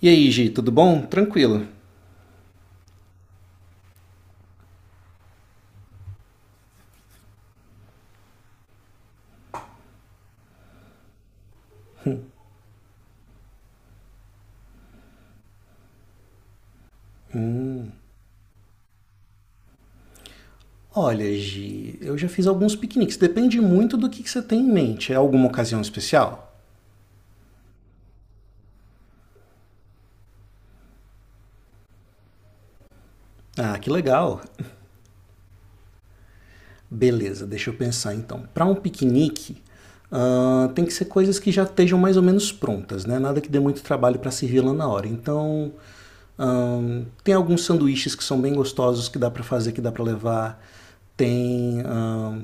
E aí, Gi, tudo bom? Tranquilo? Olha, Gi, eu já fiz alguns piqueniques. Depende muito do que você tem em mente. É alguma ocasião especial? Ah, que legal. Beleza, deixa eu pensar então. Para um piquenique, ah, tem que ser coisas que já estejam mais ou menos prontas, né? Nada que dê muito trabalho para servir lá na hora. Então, tem alguns sanduíches que são bem gostosos que dá para fazer, que dá para levar. Tem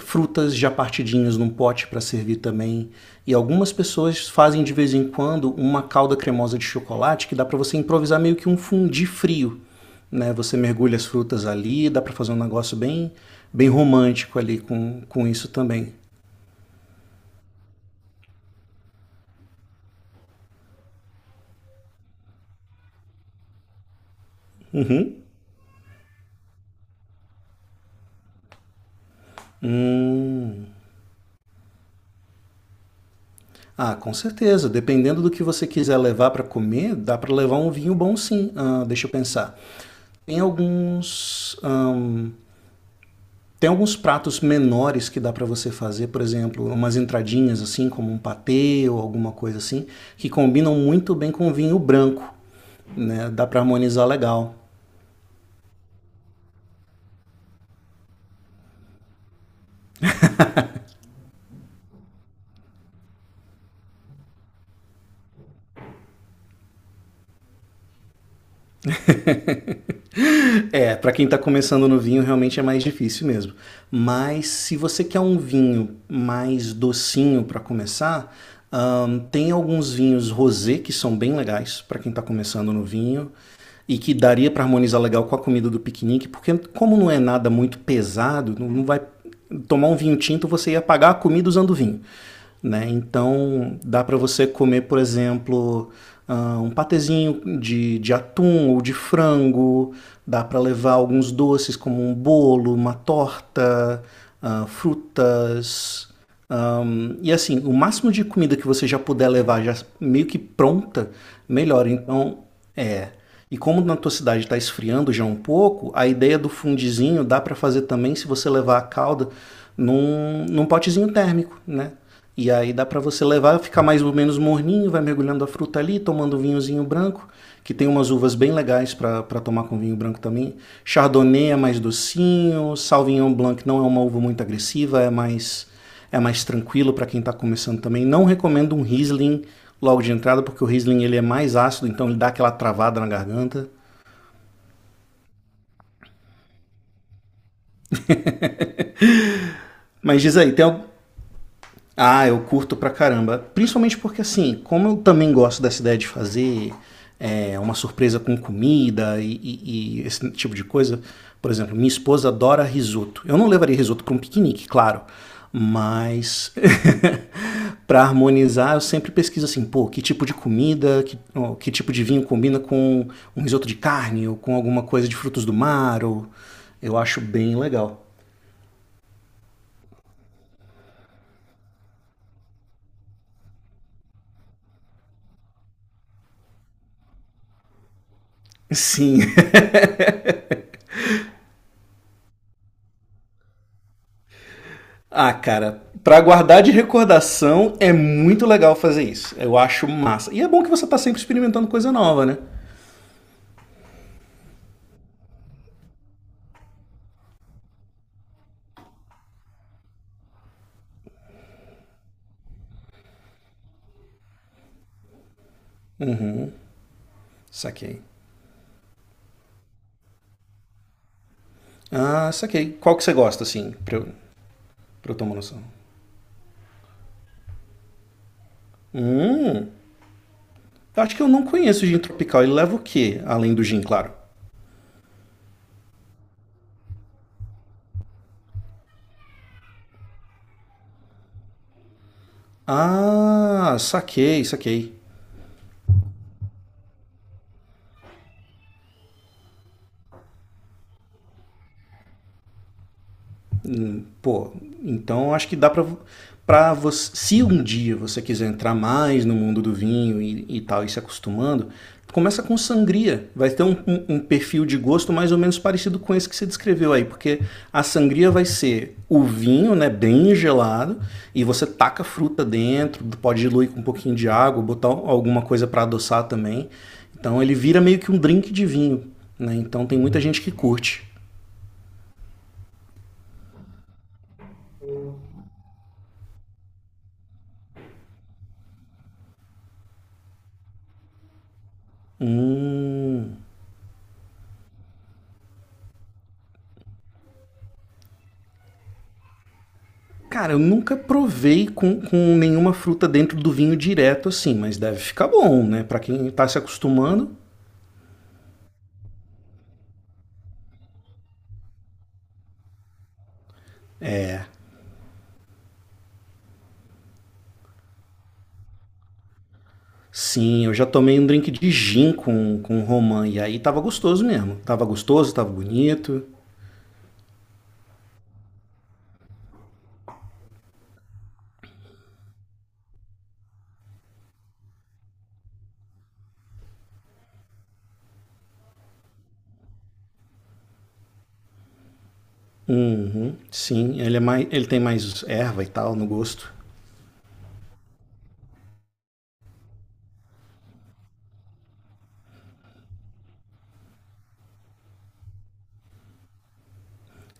frutas já partidinhas num pote para servir também. E algumas pessoas fazem de vez em quando uma calda cremosa de chocolate que dá para você improvisar meio que um fundi frio. Né? Você mergulha as frutas ali, dá para fazer um negócio bem romântico ali com isso também. Uhum. Hum. Ah, com certeza. Dependendo do que você quiser levar para comer, dá para levar um vinho bom sim. Ah, deixa eu pensar. Tem alguns. Tem alguns pratos menores que dá para você fazer, por exemplo, umas entradinhas assim, como um patê ou alguma coisa assim, que combinam muito bem com vinho branco, né? Dá para harmonizar legal. É, para quem está começando no vinho realmente é mais difícil mesmo. Mas se você quer um vinho mais docinho para começar, tem alguns vinhos rosé que são bem legais para quem está começando no vinho e que daria para harmonizar legal com a comida do piquenique, porque como não é nada muito pesado, não vai tomar um vinho tinto, você ia pagar a comida usando vinho. Né? Então, dá para você comer, por exemplo, ah, um patezinho de atum ou de frango, dá para levar alguns doces como um bolo, uma torta, ah, frutas, um, e assim, o máximo de comida que você já puder levar, já meio que pronta, melhor. Então, é. E como na tua cidade está esfriando já um pouco, a ideia do fundizinho dá para fazer também se você levar a calda num potezinho térmico, né? E aí dá para você levar, ficar mais ou menos morninho, vai mergulhando a fruta ali, tomando um vinhozinho branco, que tem umas uvas bem legais para tomar com vinho branco também. Chardonnay é mais docinho, Sauvignon Blanc não é uma uva muito agressiva, é mais tranquilo para quem está começando também. Não recomendo um Riesling logo de entrada, porque o Riesling ele é mais ácido, então ele dá aquela travada na garganta. Mas diz aí, tem, ah, eu curto pra caramba. Principalmente porque, assim, como eu também gosto dessa ideia de fazer é, uma surpresa com comida e esse tipo de coisa, por exemplo, minha esposa adora risoto. Eu não levaria risoto para um piquenique, claro, mas para harmonizar eu sempre pesquiso assim, pô, que tipo de comida, que, ó, que tipo de vinho combina com um risoto de carne ou com alguma coisa de frutos do mar, ou... eu acho bem legal. Sim. Ah, cara, pra guardar de recordação é muito legal fazer isso. Eu acho massa. E é bom que você tá sempre experimentando coisa nova, né? Saquei. Ah, saquei. Qual que você gosta, assim, pra eu tomar noção? Hum, eu acho que eu não conheço o gin tropical. Ele leva o quê? Além do gin, claro. Ah, saquei, saquei. Pô, então acho que dá pra, pra você. Se um dia você quiser entrar mais no mundo do vinho e tal, e se acostumando, começa com sangria. Vai ter um perfil de gosto mais ou menos parecido com esse que você descreveu aí, porque a sangria vai ser o vinho, né, bem gelado, e você taca fruta dentro, pode diluir com um pouquinho de água, botar alguma coisa para adoçar também. Então ele vira meio que um drink de vinho, né? Então tem muita gente que curte. Hum. Cara, eu nunca provei com nenhuma fruta dentro do vinho direto assim, mas deve ficar bom, né? Pra quem tá se acostumando. Sim, eu já tomei um drink de gin com romã e aí tava gostoso mesmo. Tava gostoso, tava bonito. Uhum, sim, ele é mais, ele tem mais erva e tal no gosto.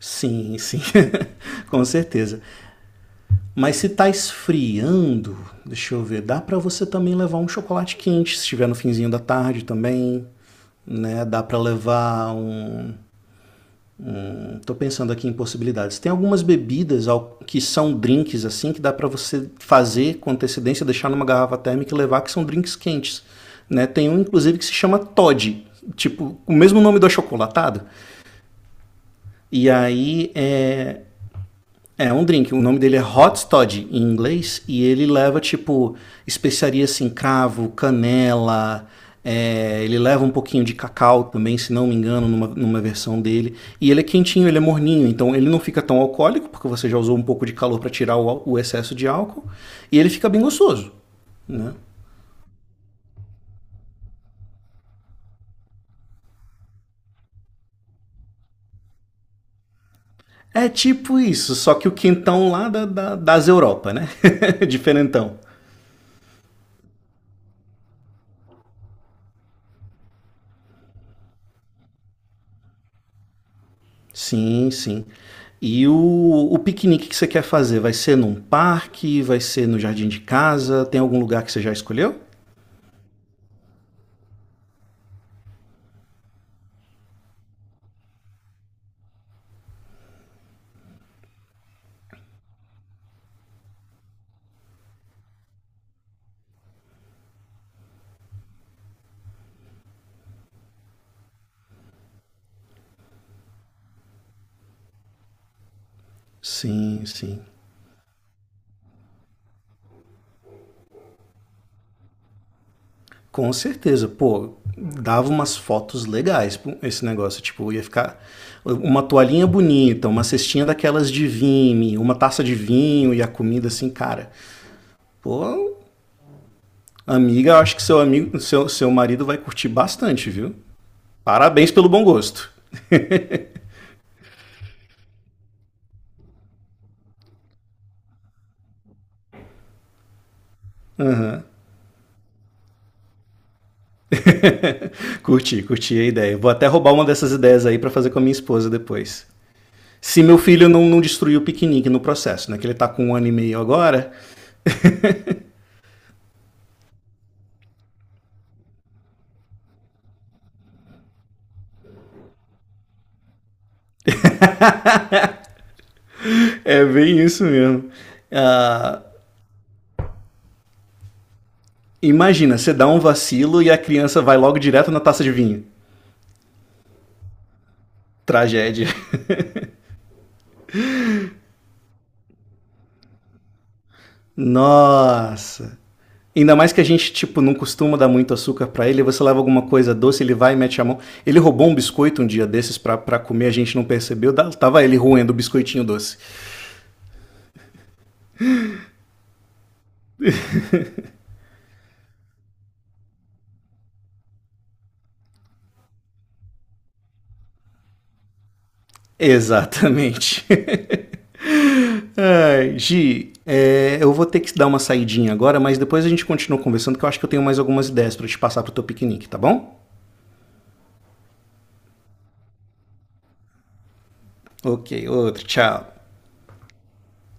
Sim, sim, com certeza. Mas se tá esfriando, deixa eu ver, dá pra você também levar um chocolate quente, se estiver no finzinho da tarde também, né? Dá pra levar um, estou pensando aqui em possibilidades. Tem algumas bebidas que são drinks assim que dá para você fazer com antecedência, deixar numa garrafa térmica e levar que são drinks quentes, né? Tem um inclusive que se chama Todd, tipo o mesmo nome do achocolatado. E aí é, é um drink. O nome dele é Hot Toddy em inglês e ele leva tipo especiarias assim, cravo, canela. É, ele leva um pouquinho de cacau também, se não me engano, numa versão dele. E ele é quentinho, ele é morninho, então ele não fica tão alcoólico, porque você já usou um pouco de calor para tirar o excesso de álcool. E ele fica bem gostoso, né? É tipo isso, só que o quentão lá das Europa, né? Diferentão. Sim, sim. E o piquenique que você quer fazer, vai ser num parque, vai ser no jardim de casa, tem algum lugar que você já escolheu? Sim, sim. Com certeza, pô, dava umas fotos legais pô, esse negócio, tipo, ia ficar uma toalhinha bonita, uma cestinha daquelas de vinho, uma taça de vinho e a comida assim, cara. Pô, amiga, eu acho que seu marido vai curtir bastante, viu? Parabéns pelo bom gosto. Curti, curti a ideia. Vou até roubar uma dessas ideias aí para fazer com a minha esposa depois. Se meu filho não destruiu o piquenique no processo, né? Que ele tá com um ano e meio agora. É bem isso mesmo. Ah, imagina, você dá um vacilo e a criança vai logo direto na taça de vinho. Tragédia. Nossa. Ainda mais que a gente, tipo, não costuma dar muito açúcar pra ele, você leva alguma coisa doce, ele vai e mete a mão. Ele roubou um biscoito um dia desses pra comer, a gente não percebeu, tava ele roendo o biscoitinho doce. Exatamente. Ai, Gi, é, eu vou ter que dar uma saidinha agora, mas depois a gente continua conversando, que eu acho que eu tenho mais algumas ideias para te passar pro teu piquenique, tá bom? Ok, outro, tchau.